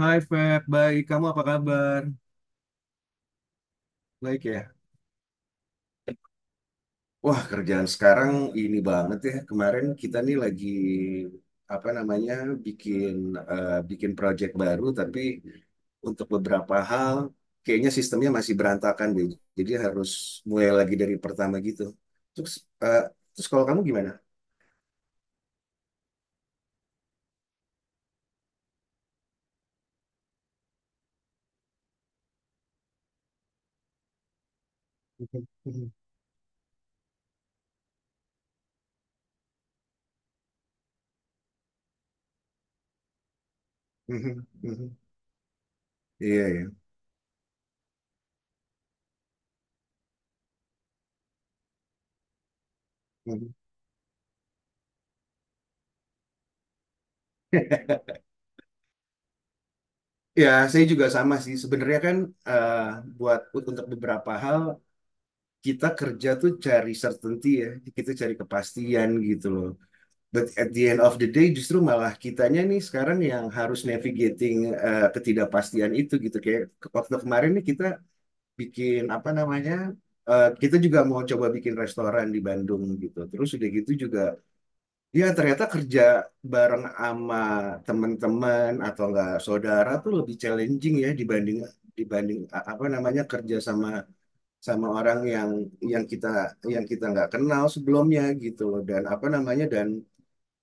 Hai Feb, baik. Kamu apa kabar? Baik ya? Wah, kerjaan sekarang ini banget ya. Kemarin kita nih lagi apa namanya bikin bikin project baru, tapi untuk beberapa hal kayaknya sistemnya masih berantakan deh. Jadi harus mulai lagi dari pertama gitu. Terus, eh, terus, kalau kamu gimana? Mhm, mhm, mhm, mhm. Iya ya. Mhm. Ya, saya juga sama sih. Sebenarnya kan eh, buat untuk beberapa hal kita kerja tuh cari certainty ya, kita cari kepastian gitu loh. But at the end of the day justru malah kitanya nih sekarang yang harus navigating ketidakpastian itu gitu. Kayak waktu kemarin nih kita bikin apa namanya, kita juga mau coba bikin restoran di Bandung gitu. Terus udah gitu juga, ya ternyata kerja bareng sama teman-teman atau enggak saudara tuh lebih challenging ya dibanding dibanding a- apa namanya kerja sama sama orang yang kita yang kita nggak kenal sebelumnya gitu loh dan apa namanya dan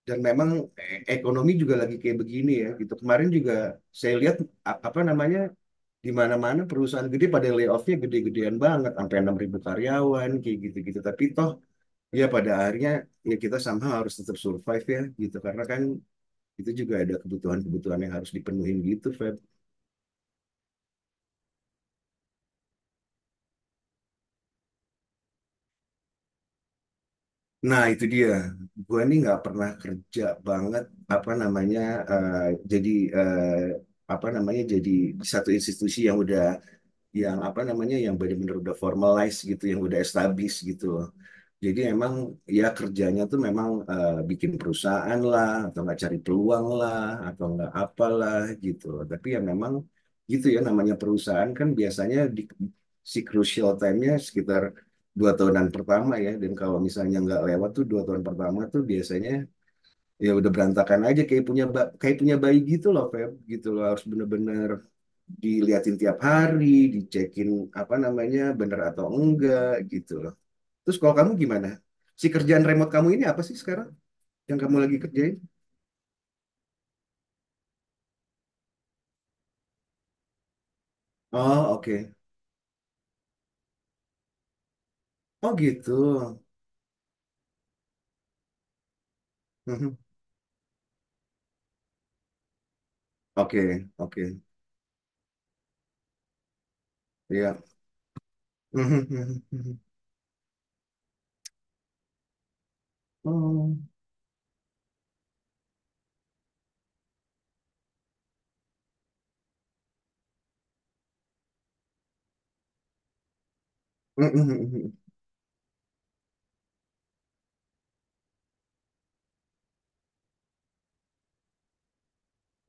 dan memang ekonomi juga lagi kayak begini ya gitu kemarin juga saya lihat apa namanya di mana-mana perusahaan gede pada layoffnya gede-gedean banget sampai 6.000 karyawan kayak gitu-gitu tapi toh ya pada akhirnya ya kita sama harus tetap survive ya gitu karena kan itu juga ada kebutuhan-kebutuhan yang harus dipenuhin gitu Fe. Nah, itu dia. Gue nih nggak pernah kerja banget apa namanya eh, jadi eh, apa namanya jadi di satu institusi yang udah yang apa namanya yang benar-benar udah formalize gitu yang udah established gitu loh. Jadi emang ya kerjanya tuh memang bikin perusahaan lah atau nggak cari peluang lah atau nggak apalah gitu. Tapi ya memang gitu ya namanya perusahaan kan biasanya di, si crucial time-nya sekitar 2 tahunan pertama ya dan kalau misalnya nggak lewat tuh 2 tahun pertama tuh biasanya ya udah berantakan aja kayak punya bayi gitu loh Feb gitu loh harus bener-bener diliatin tiap hari, dicekin apa namanya bener atau enggak gitu loh. Terus kalau kamu gimana? Si kerjaan remote kamu ini apa sih sekarang yang kamu lagi kerjain? Oh, oke. Oh, gitu. Mhm. Oke, oke. Iya. Mhm, mhm, mhm. Oh. Mhm, mhm, mhm, mhm.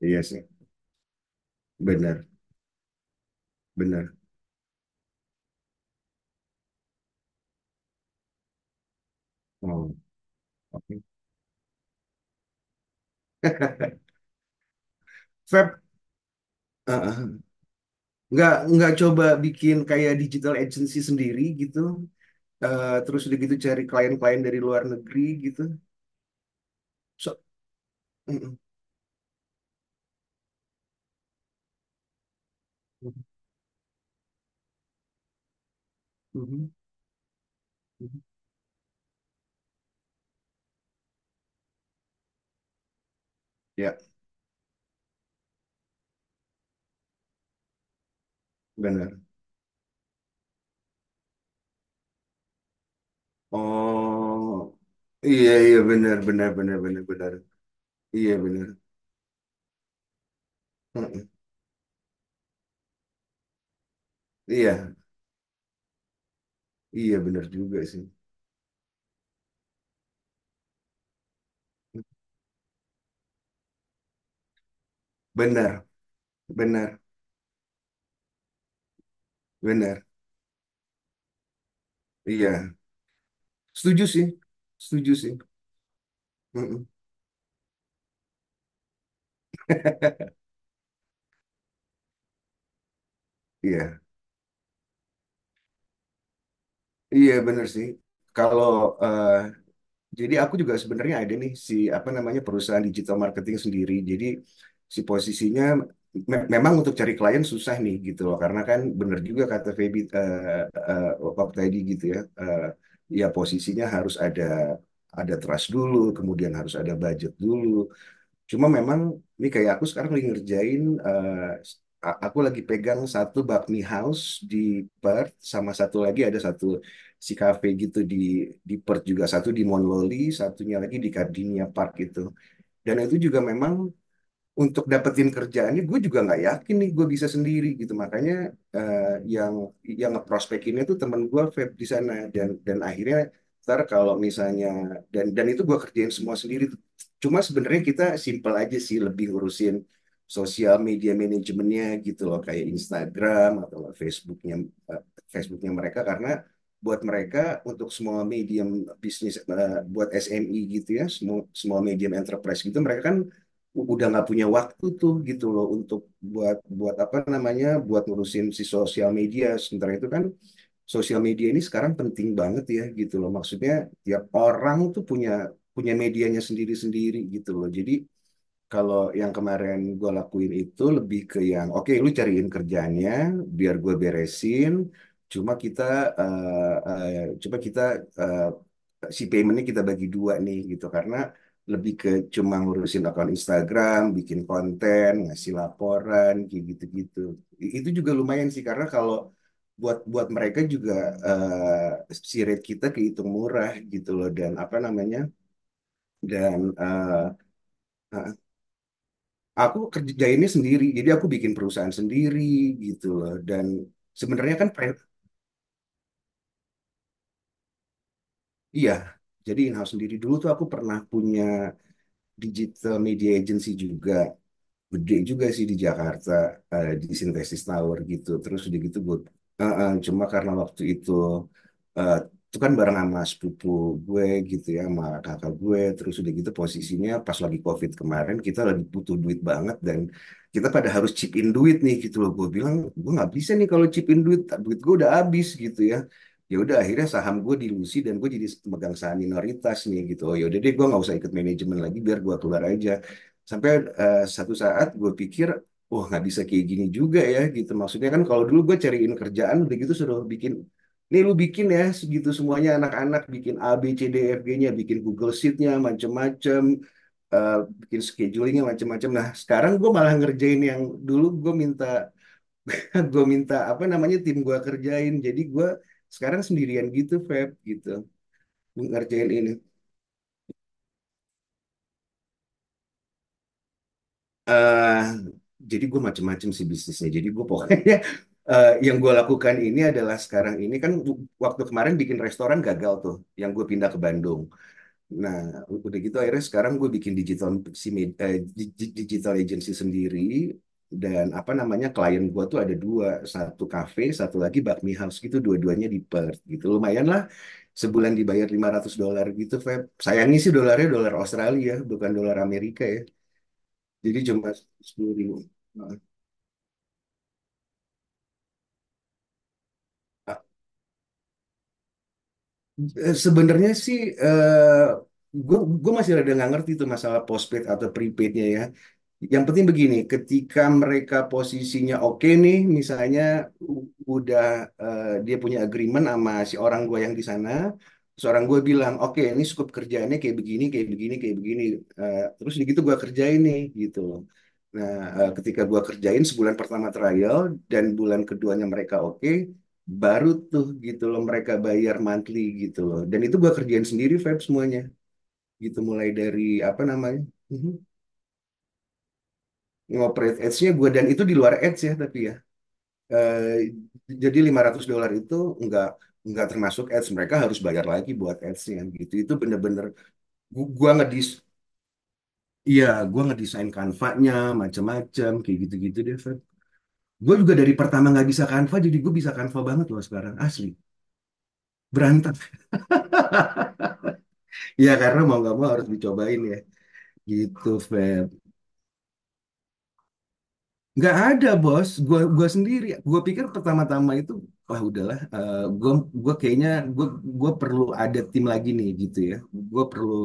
Iya sih. Benar, benar. Oh, oke. Feb, uh-uh. Nggak coba bikin kayak digital agency sendiri gitu. Terus udah gitu cari klien-klien dari luar negeri gitu. So, mm-mm. Mhm, mhm, mhm. Ya, benar. Oh, iya, iya, benar, benar, benar, benar, benar. Iya, benar. Mhm. Iya, iya benar juga sih. Benar, benar, benar. Iya. Setuju sih. Setuju sih. Mhm. Iya, iya benar sih. Kalau eh, Jadi aku juga sebenarnya ada nih si apa namanya perusahaan digital marketing sendiri. Jadi si posisinya memang untuk cari klien susah nih gitu loh karena kan bener juga kata Feby eh, waktu tadi gitu ya. Ya posisinya harus ada trust dulu, kemudian harus ada budget dulu. Cuma memang ini kayak aku sekarang lagi ngerjain eh, aku lagi pegang satu bakmi house di Perth sama satu lagi ada satu si cafe gitu di Perth juga, satu di Monloli, satunya lagi di Gardenia Park gitu. Dan itu juga memang untuk dapetin kerjaan ini, gue juga nggak yakin nih gue bisa sendiri gitu makanya eh, yang yang ngeprospekinnya tuh teman gue vape di sana dan akhirnya ntar kalau misalnya dan itu gue kerjain semua sendiri, cuma sebenarnya kita simple aja sih lebih ngurusin sosial media manajemennya gitu loh kayak Instagram atau nggak eh, Facebooknya mereka karena buat mereka untuk semua medium bisnis, buat SME gitu ya, semua semua medium enterprise gitu mereka kan udah nggak punya waktu tuh gitu loh untuk buat buat apa namanya buat ngurusin si sosial media sementara itu kan sosial media ini sekarang penting banget ya gitu loh maksudnya tiap orang tuh punya punya medianya sendiri-sendiri gitu loh. Jadi kalau yang kemarin gue lakuin itu lebih ke yang oke lu cariin kerjanya biar gue beresin, cuma kita coba kita eh, si paymentnya kita bagi dua nih gitu karena lebih ke cuma ngurusin akun Instagram, bikin konten, ngasih laporan, kayak gitu-gitu. Itu juga lumayan sih karena kalau buat buat mereka juga si rate kita kehitung murah gitu loh dan apa namanya dan eh, eh, aku kerjainnya sendiri, jadi aku bikin perusahaan sendiri gitu loh dan sebenarnya kan iya jadi in-house sendiri. Dulu tuh aku pernah punya digital media agency juga, gede juga sih di Jakarta, di Sintesis Tower gitu terus udah gitu gue cuma karena waktu itu, eh, itu kan bareng sama sepupu gue gitu ya, sama kakak gue. Terus udah gitu posisinya pas lagi COVID kemarin kita lagi butuh duit banget dan kita pada harus chip in duit nih gitu loh. Gue bilang gue nggak bisa nih kalau chip in duit, duit gue udah habis gitu ya. Ya udah akhirnya saham gue dilusi dan gue jadi megang saham minoritas nih gitu. Oh ya udah deh gue nggak usah ikut manajemen lagi biar gue keluar aja. Sampai satu saat gue pikir, wah nggak bisa kayak gini juga ya gitu. Maksudnya kan kalau dulu gue cariin kerjaan udah gitu suruh bikin, nih lu bikin ya segitu semuanya, anak-anak bikin A B C D E, F G-nya, bikin Google Sheet-nya macem-macem, eh, bikin scheduling-nya macem-macem. Nah sekarang gue malah ngerjain yang dulu gue minta, gue minta apa namanya tim gue kerjain. Jadi gue sekarang sendirian gitu, Feb, gitu ngerjain ini. eh jadi gue macem-macem sih bisnisnya. Jadi gue pokoknya yang gue lakukan ini adalah sekarang ini kan waktu kemarin bikin restoran gagal tuh, yang gue pindah ke Bandung. Nah udah gitu akhirnya sekarang gue bikin digital si med- eh, di- digital agency sendiri dan apa namanya klien gue tuh ada dua, satu cafe, satu lagi bakmi house gitu, dua-duanya di Perth gitu. Lumayan lah, sebulan dibayar 500 dolar gitu, Feb. Sayangnya sih dolarnya dolar Australia, bukan dolar Amerika ya. Jadi cuma 10.000. Nah, sebenarnya sih eh gue gue masih rada nggak ngerti tuh masalah postpaid atau prepaidnya ya. Yang penting begini, ketika mereka posisinya oke nih, misalnya u- udah dia punya agreement sama si orang gue yang di sana. Seorang orang gue bilang, oke ini scope kerjaannya kayak begini, kayak begini, kayak begini. Terus udah gitu gue kerjain nih gitu loh. Nah, ketika gue kerjain sebulan pertama trial dan bulan keduanya mereka oke, baru tuh gitu loh mereka bayar monthly gitu loh dan itu gua kerjain sendiri Feb semuanya gitu mulai dari apa namanya mhm, ngoperate ads-nya gua, dan itu di luar ads ya tapi ya. Eh, jadi 500 dolar itu nggak nggak termasuk ads, mereka harus bayar lagi buat ads-nya gitu. Itu bener-bener gu- gua ngedis iya gua ngedesain Canva-nya macam-macam kayak gitu-gitu deh Feb. Gue juga dari pertama nggak bisa Canva, jadi gue bisa Canva banget loh sekarang, asli. Berantem. Ya karena mau nggak mau harus dicobain ya. Gitu, Feb. Nggak ada, bos. Gua sendiri. Gua pikir pertama-tama itu, wah udahlah. Gua kayaknya, gua, gua perlu ada tim lagi nih, gitu ya. Gua perlu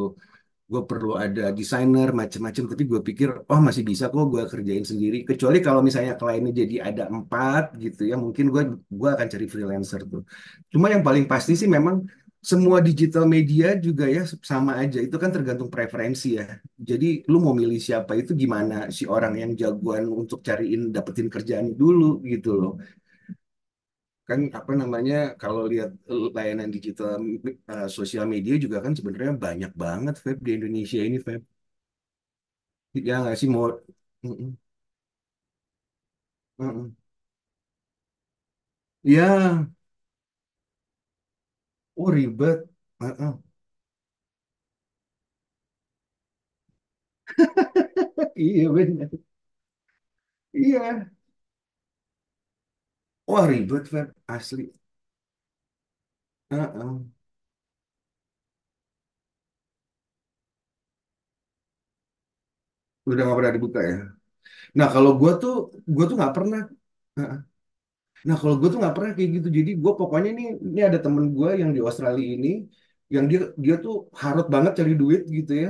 gue perlu ada desainer macam-macam, tapi gue pikir oh masih bisa kok gue kerjain sendiri kecuali kalau misalnya kliennya jadi ada empat gitu ya mungkin gue akan cari freelancer tuh. Cuma yang paling pasti sih memang semua digital media juga ya sama aja, itu kan tergantung preferensi ya. Jadi lu mau milih siapa itu gimana si orang yang jagoan untuk cariin dapetin kerjaan dulu gitu loh, kan apa namanya kalau lihat layanan digital, sosial media juga kan sebenarnya banyak banget Feb di Indonesia ini Feb. Ya nggak sih mau. Mm-mm. Mm-mm. Iya, oh ribet. Heeh. Iya benar. Iya. Wah ribet Fer, asli. Heeh. Udah nggak pernah dibuka ya. Nah kalau gue tuh nggak pernah. Heeh. Nah kalau gue tuh nggak pernah kayak gitu. Jadi gue pokoknya nih, ini ada temen gue yang di Australia ini, yang dia dia tuh harut banget cari duit gitu ya.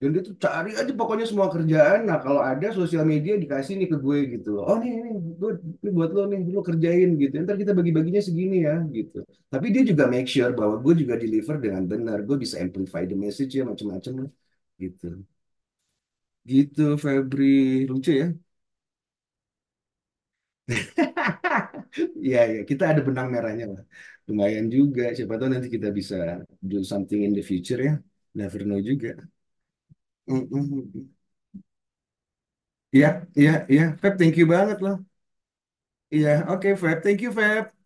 Dan dia tuh cari aja pokoknya semua kerjaan. Nah, kalau ada sosial media dikasih nih ke gue gitu loh. Oh, nih, nih, gue, ini buat lo nih, lo kerjain gitu. Ntar kita bagi-baginya segini ya gitu. Tapi dia juga make sure bahwa gue juga deliver dengan benar. Gue bisa amplify the message ya macam-macam gitu. Gitu, Febri. Lucu ya? Ya, ya, kita ada benang merahnya lah. Lumayan juga. Siapa tahu nanti kita bisa do something in the future ya. Never know juga. Mm, mm, mm. Iya, iya, iya. Feb, thank you banget lah. Iya, oke Feb. Thank you Feb.